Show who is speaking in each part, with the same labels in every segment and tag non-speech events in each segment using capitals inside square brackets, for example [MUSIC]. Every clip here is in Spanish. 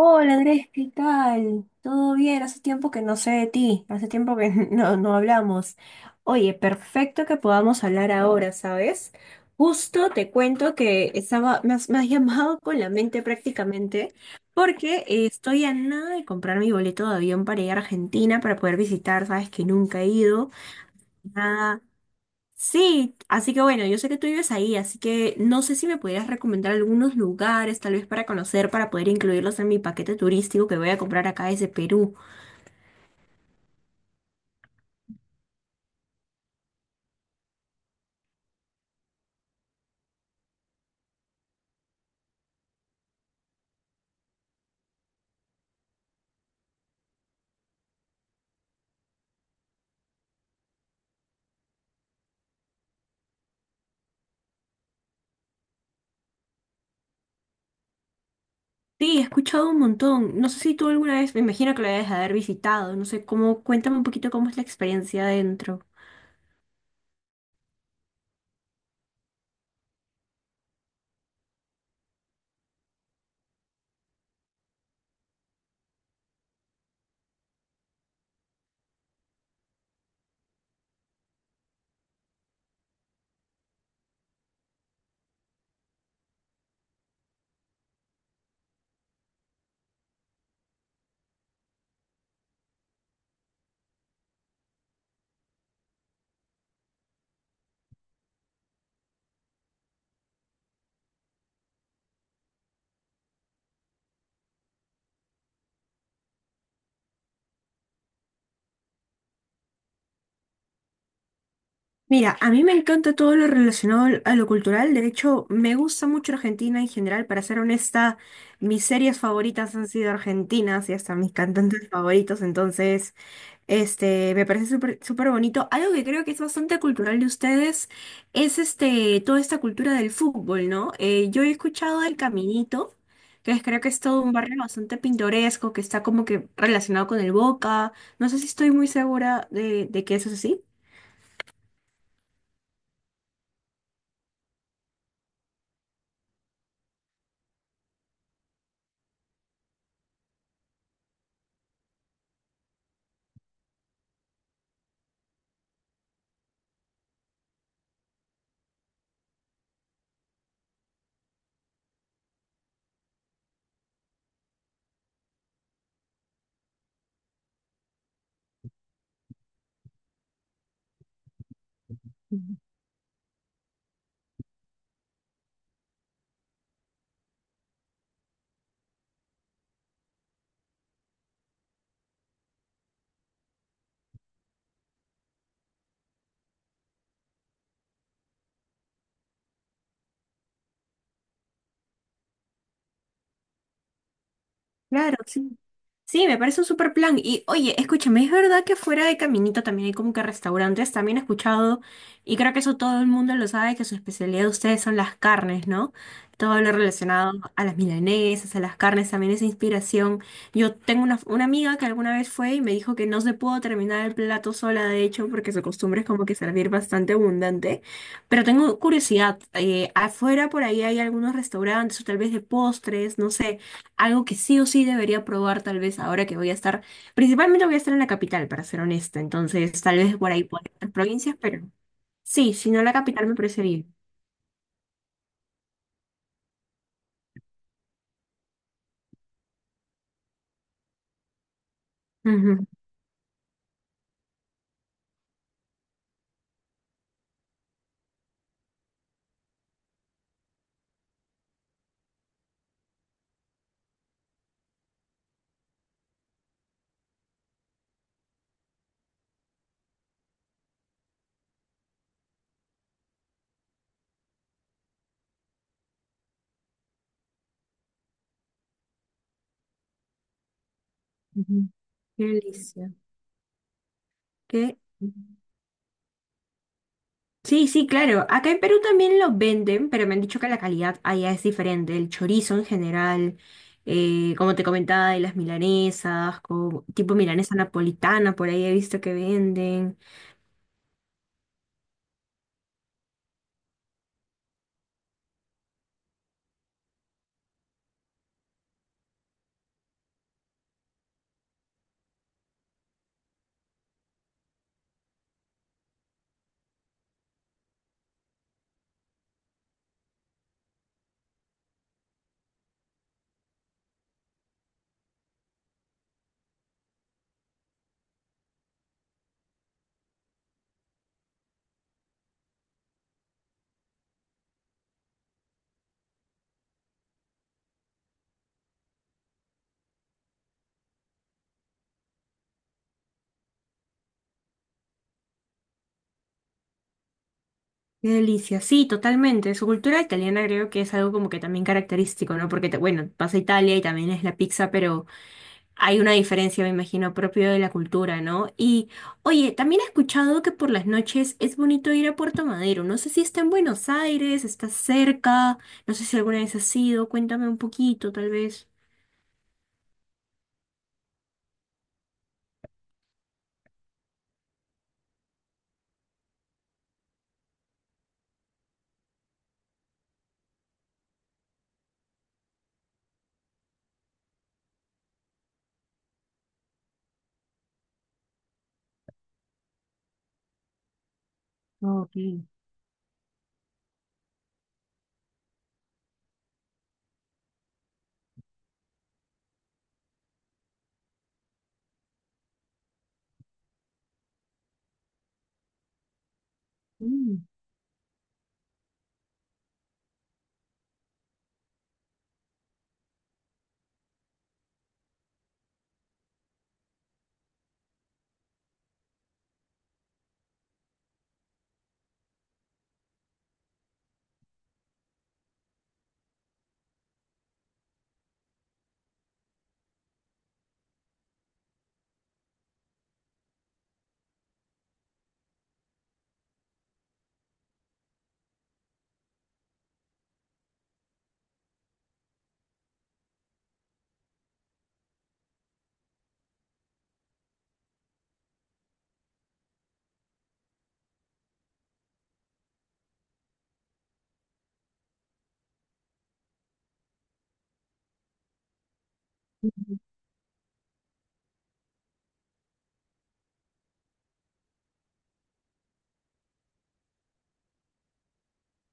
Speaker 1: Hola Andrés, ¿qué tal? ¿Todo bien? Hace tiempo que no sé de ti, hace tiempo que [LAUGHS] no hablamos. Oye, perfecto que podamos hablar ahora, ¿sabes? Justo te cuento que estaba, me has [LAUGHS] llamado con la mente prácticamente porque estoy a nada de comprar mi boleto de avión para ir a Argentina para poder visitar, ¿sabes? Que nunca he ido. Nada. Sí, así que bueno, yo sé que tú vives ahí, así que no sé si me pudieras recomendar algunos lugares, tal vez para conocer, para poder incluirlos en mi paquete turístico que voy a comprar acá desde Perú. Sí, he escuchado un montón. No sé si tú alguna vez, me imagino que lo debes haber visitado, no sé cómo, cuéntame un poquito cómo es la experiencia adentro. Mira, a mí me encanta todo lo relacionado a lo cultural. De hecho, me gusta mucho Argentina en general. Para ser honesta, mis series favoritas han sido argentinas y hasta mis cantantes favoritos. Entonces, este, me parece súper súper bonito. Algo que creo que es bastante cultural de ustedes es este, toda esta cultura del fútbol, ¿no? Yo he escuchado del Caminito, creo que es todo un barrio bastante pintoresco, que está como que relacionado con el Boca. No sé si estoy muy segura de que eso es así. Claro, sí. Sí, me parece un super plan. Y oye, escúchame, es verdad que fuera de Caminito también hay como que restaurantes, también he escuchado, y creo que eso todo el mundo lo sabe, que su especialidad de ustedes son las carnes, ¿no? Todo lo relacionado a las milanesas, a las carnes, también esa inspiración. Yo tengo una amiga que alguna vez fue y me dijo que no se pudo terminar el plato sola, de hecho, porque su costumbre es como que servir bastante abundante. Pero tengo curiosidad, afuera por ahí hay algunos restaurantes o tal vez de postres, no sé. Algo que sí o sí debería probar tal vez ahora que voy a estar, principalmente voy a estar en la capital, para ser honesta, entonces tal vez por ahí por otras provincias, pero sí, si no la capital me parece bien. Ujú, ujú. Qué delicia. Qué- Sí, sí, claro. Acá en Perú también lo venden, pero me han dicho que la calidad allá es diferente. El chorizo en general, como te comentaba, de las milanesas, con, tipo milanesa napolitana, por ahí he visto que venden. Qué delicia, sí, totalmente. Su cultura italiana creo que es algo como que también característico, ¿no? Porque, te- bueno, vas a Italia y también es la pizza, pero hay una diferencia, me imagino, propio de la cultura, ¿no? Y, oye, también he escuchado que por las noches es bonito ir a Puerto Madero. No sé si está en Buenos Aires, está cerca, no sé si alguna vez has ido, cuéntame un poquito, tal vez. Ok. Mm,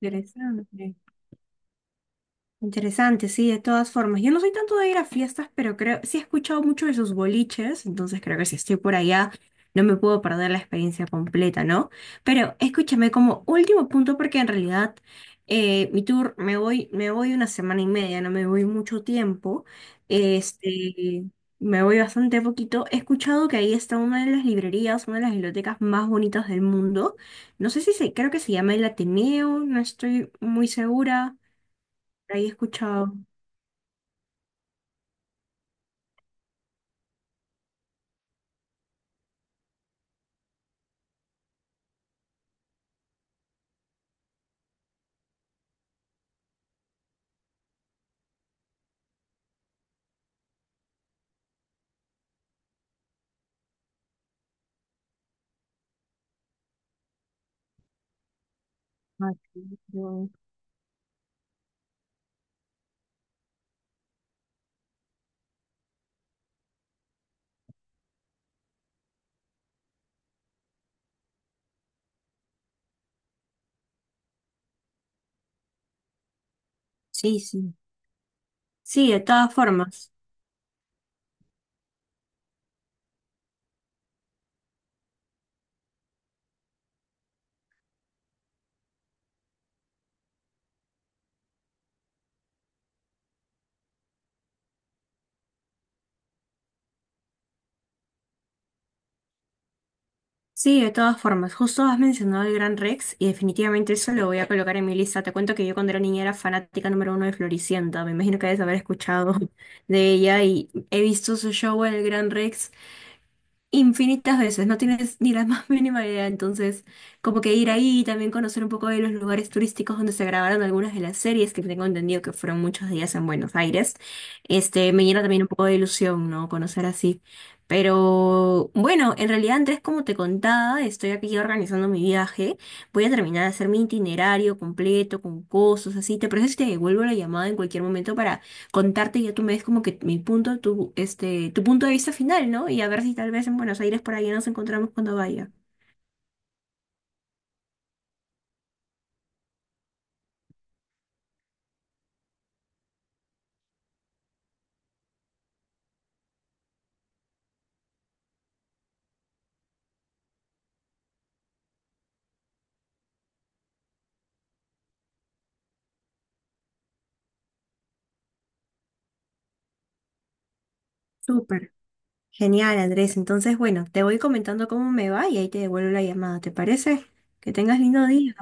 Speaker 1: interesante. Interesante, sí, de todas formas. Yo no soy tanto de ir a fiestas, pero creo, sí he escuchado mucho de sus boliches, entonces creo que si estoy por allá no me puedo perder la experiencia completa, ¿no? Pero escúchame como último punto, porque en realidad mi tour me voy 1 semana y media, no me voy mucho tiempo, este, me voy bastante poquito. He escuchado que ahí está una de las librerías, una de las bibliotecas más bonitas del mundo. No sé si se, creo que se llama el Ateneo, no estoy muy segura. Ahí he escuchado. Ah, claro. Sí, sí. Sí, de todas formas. Sí, de todas formas. Justo has mencionado el Gran Rex y definitivamente eso lo voy a colocar en mi lista. Te cuento que yo cuando era niña era fanática número uno de Floricienta. Me imagino que debes haber escuchado [LAUGHS] de ella y he visto su show en el Gran Rex infinitas veces, no tienes ni la [LAUGHS] más mínima idea, entonces como que ir ahí y también conocer un poco de los lugares turísticos donde se grabaron algunas de las series que tengo entendido que fueron muchos días en Buenos Aires, este, me llena también un poco de ilusión, ¿no? Conocer así. Pero bueno, en realidad Andrés, como te contaba, estoy aquí organizando mi viaje, voy a terminar de hacer mi itinerario completo con cosas así, ¿te parece si te devuelvo la llamada en cualquier momento contarte y ya tú me des como que mi punto, tu, este, tu punto de vista final, ¿no? Y a ver si tal vez en Buenos Aires por ahí nos encontramos cuando vaya. Súper. Genial, Andrés. Entonces, bueno, te voy comentando cómo me va y ahí te devuelvo la llamada, ¿te parece? Que tengas lindo día.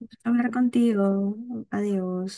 Speaker 1: Gusto Hablar contigo. Adiós.